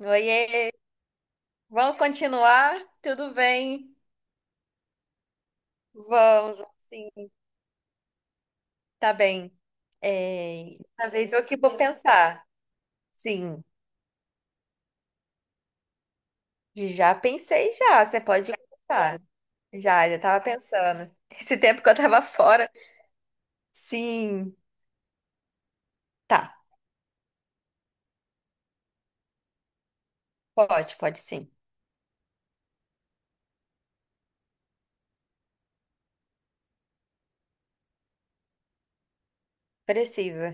Oiê, vamos continuar? Tudo bem? Vamos, sim, tá bem. É, dessa vez eu que vou pensar. Sim, já pensei já, você pode começar. Já, já tava pensando. Esse tempo que eu tava fora. Sim, tá, pode, pode sim. Precisa,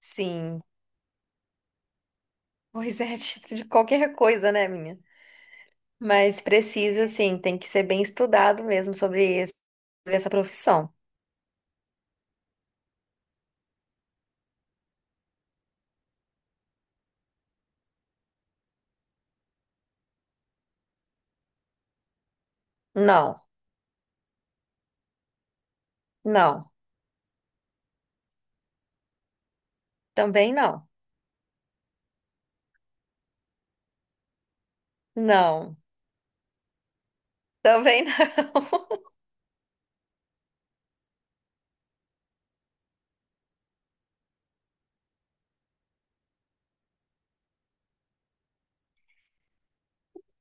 sim. Pois é, de qualquer coisa, né, minha? Mas precisa, sim, tem que ser bem estudado mesmo sobre sobre essa profissão. Não, não, também não. Não, também não.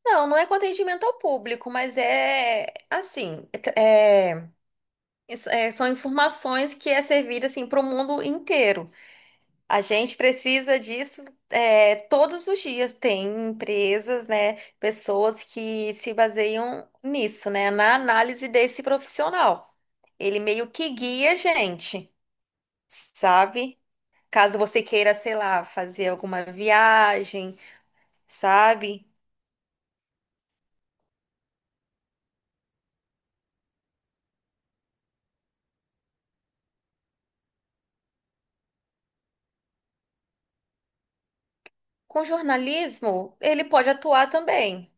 Não, não é com atendimento ao público, mas é assim, é- são informações que é servida assim para o mundo inteiro. A gente precisa disso é, todos os dias. Tem empresas, né, pessoas que se baseiam nisso, né, na análise desse profissional. Ele meio que guia a gente, sabe? Caso você queira, sei lá, fazer alguma viagem, sabe? Com jornalismo, ele pode atuar também.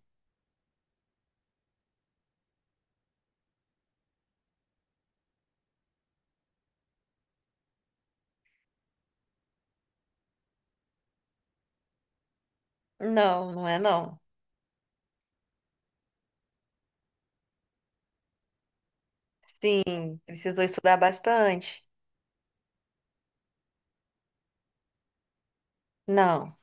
Não, não é não. Sim, precisou estudar bastante. Não,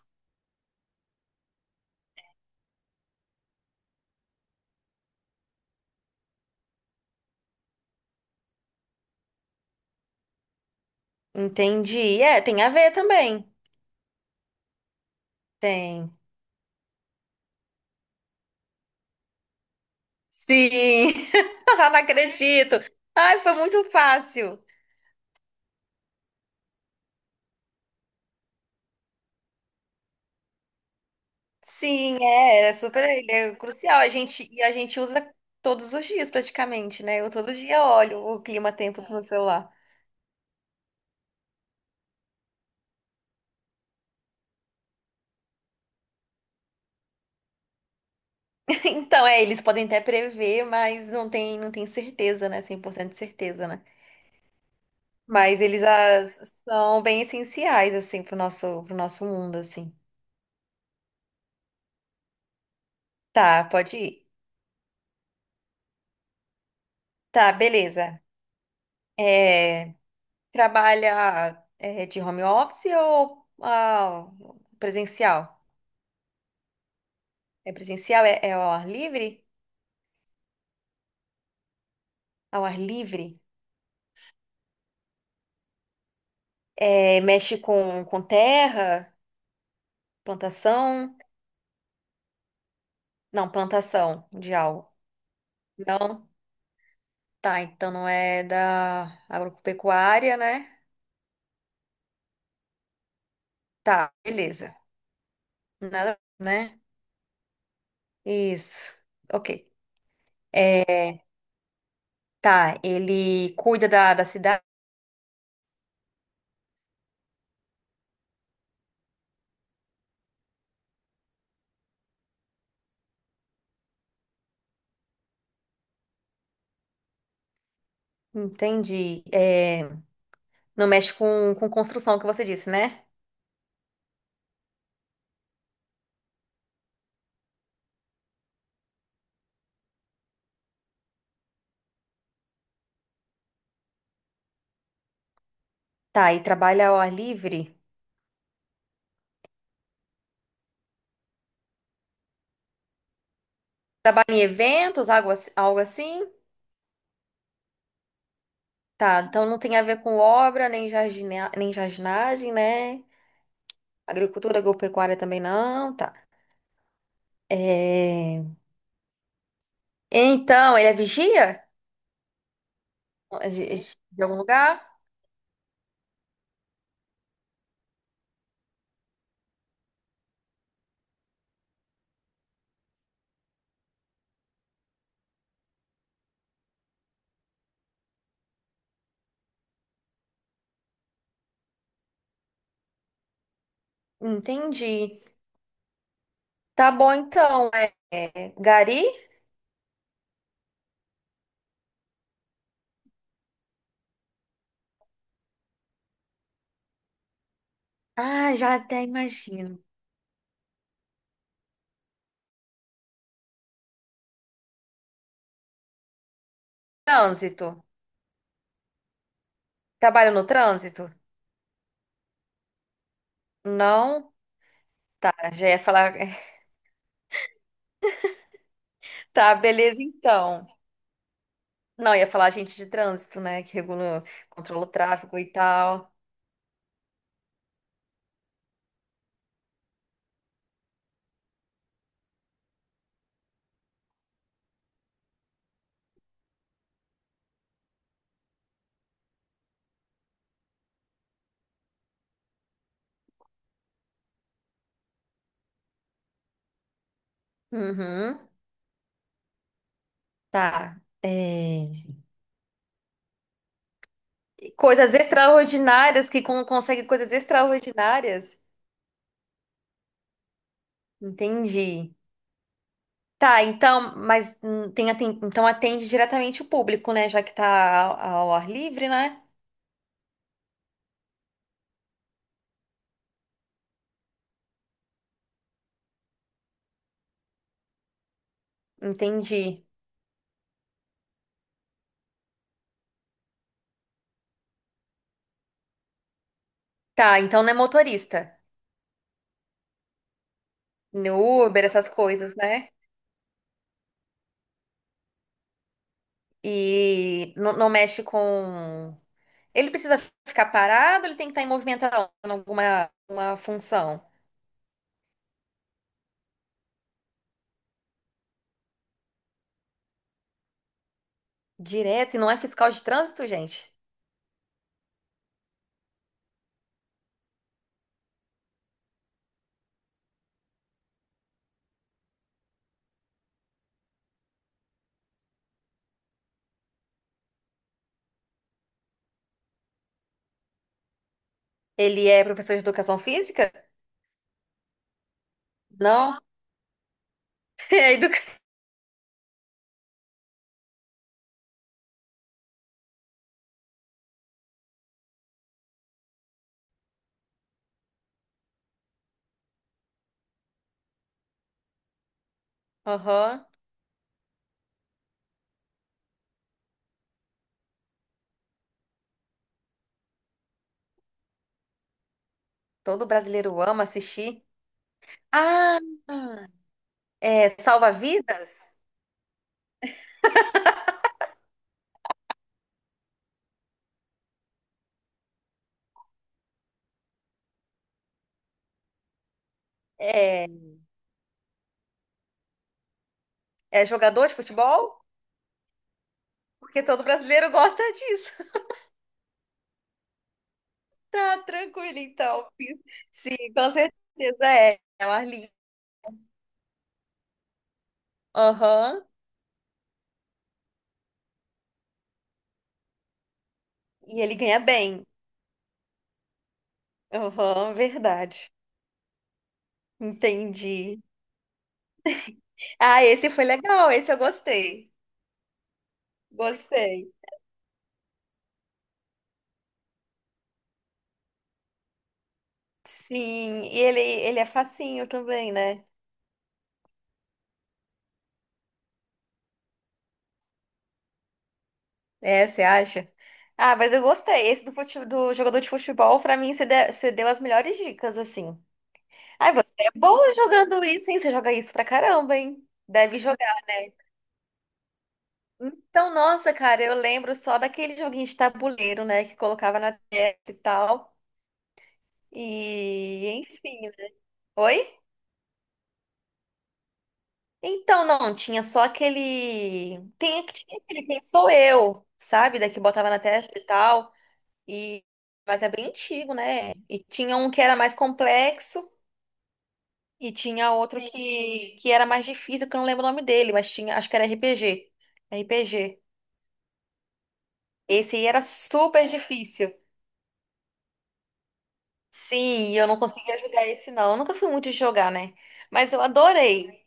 entendi. É, tem a ver também. Tem. Sim. Ah, não acredito. Ai, foi muito fácil. Sim, é, é super, ele é crucial. A gente usa todos os dias praticamente, né? Eu todo dia olho o clima-tempo no celular. Então, é, eles podem até prever, mas não tem certeza, né? 100% de certeza, né? Mas eles são bem essenciais, assim, pro nosso mundo, assim. Tá, pode ir. Tá, beleza. É, trabalha de home office ou presencial? É presencial? É, é ao ar livre? Ao ar livre? É, mexe com terra? Plantação? Não, plantação de algo. Não? Tá, então não é da agropecuária, né? Tá, beleza. Nada, né? Isso. Ok. Tá, ele cuida da cidade. Entendi. É, não mexe com construção, que você disse, né? Tá, e trabalha ao ar livre? Trabalha em eventos, algo assim? Tá, então não tem a ver com obra, nem jardinagem, né? Agricultura, agropecuária também não, tá. É, então, ele é vigia? É algum lugar? Entendi. Tá bom, então. Gari? Ah, já até imagino. Trânsito. Trabalho no trânsito? Não. Ah, já ia falar. Tá, beleza, então. Não, ia falar agente de trânsito, né? Que regula, controla o tráfego e tal. Uhum. Tá. É, coisas extraordinárias que consegue coisas extraordinárias. Entendi. Tá, então, mas tem, então atende diretamente o público, né? Já que tá ao ar livre, né? Entendi. Tá, então não é motorista. No Uber, essas coisas, né? E não mexe com. Ele precisa ficar parado, ele tem que estar em movimentação, em alguma uma função. Direto, e não é fiscal de trânsito, gente. Ele é professor de educação física? Não. É educa... Aham. Todo brasileiro ama assistir. Ah, é salva-vidas? É, é jogador de futebol? Porque todo brasileiro gosta disso. Tá tranquilo, então. Sim, com certeza é. É o Arlindo. Aham. E ele ganha bem. Aham, verdade. Entendi. Ah, esse foi legal, esse eu gostei. Gostei. Sim, e ele é facinho também, né? É, você acha? Ah, mas eu gostei. Esse do, do jogador de futebol, pra mim, você deu as melhores dicas, assim. Ai, você é boa jogando isso, hein? Você joga isso pra caramba, hein? Deve jogar, né? Então, nossa, cara, eu lembro só daquele joguinho de tabuleiro, né? Que colocava na testa e tal. E, enfim, né? Oi? Então, não, tinha só aquele. Tinha aquele Quem Sou Eu, sabe? Daqui botava na testa e tal. E... Mas é bem antigo, né? E tinha um que era mais complexo e tinha outro sim. Que era mais difícil, que eu não lembro o nome dele, mas tinha, acho que era RPG. RPG. Esse aí era super difícil. Sim, e eu não conseguia jogar esse, não. Eu nunca fui muito de jogar, né? Mas eu adorei.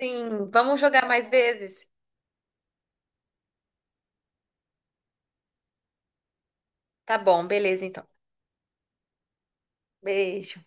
Sim, vamos jogar mais vezes? Tá bom, beleza então. Beijo.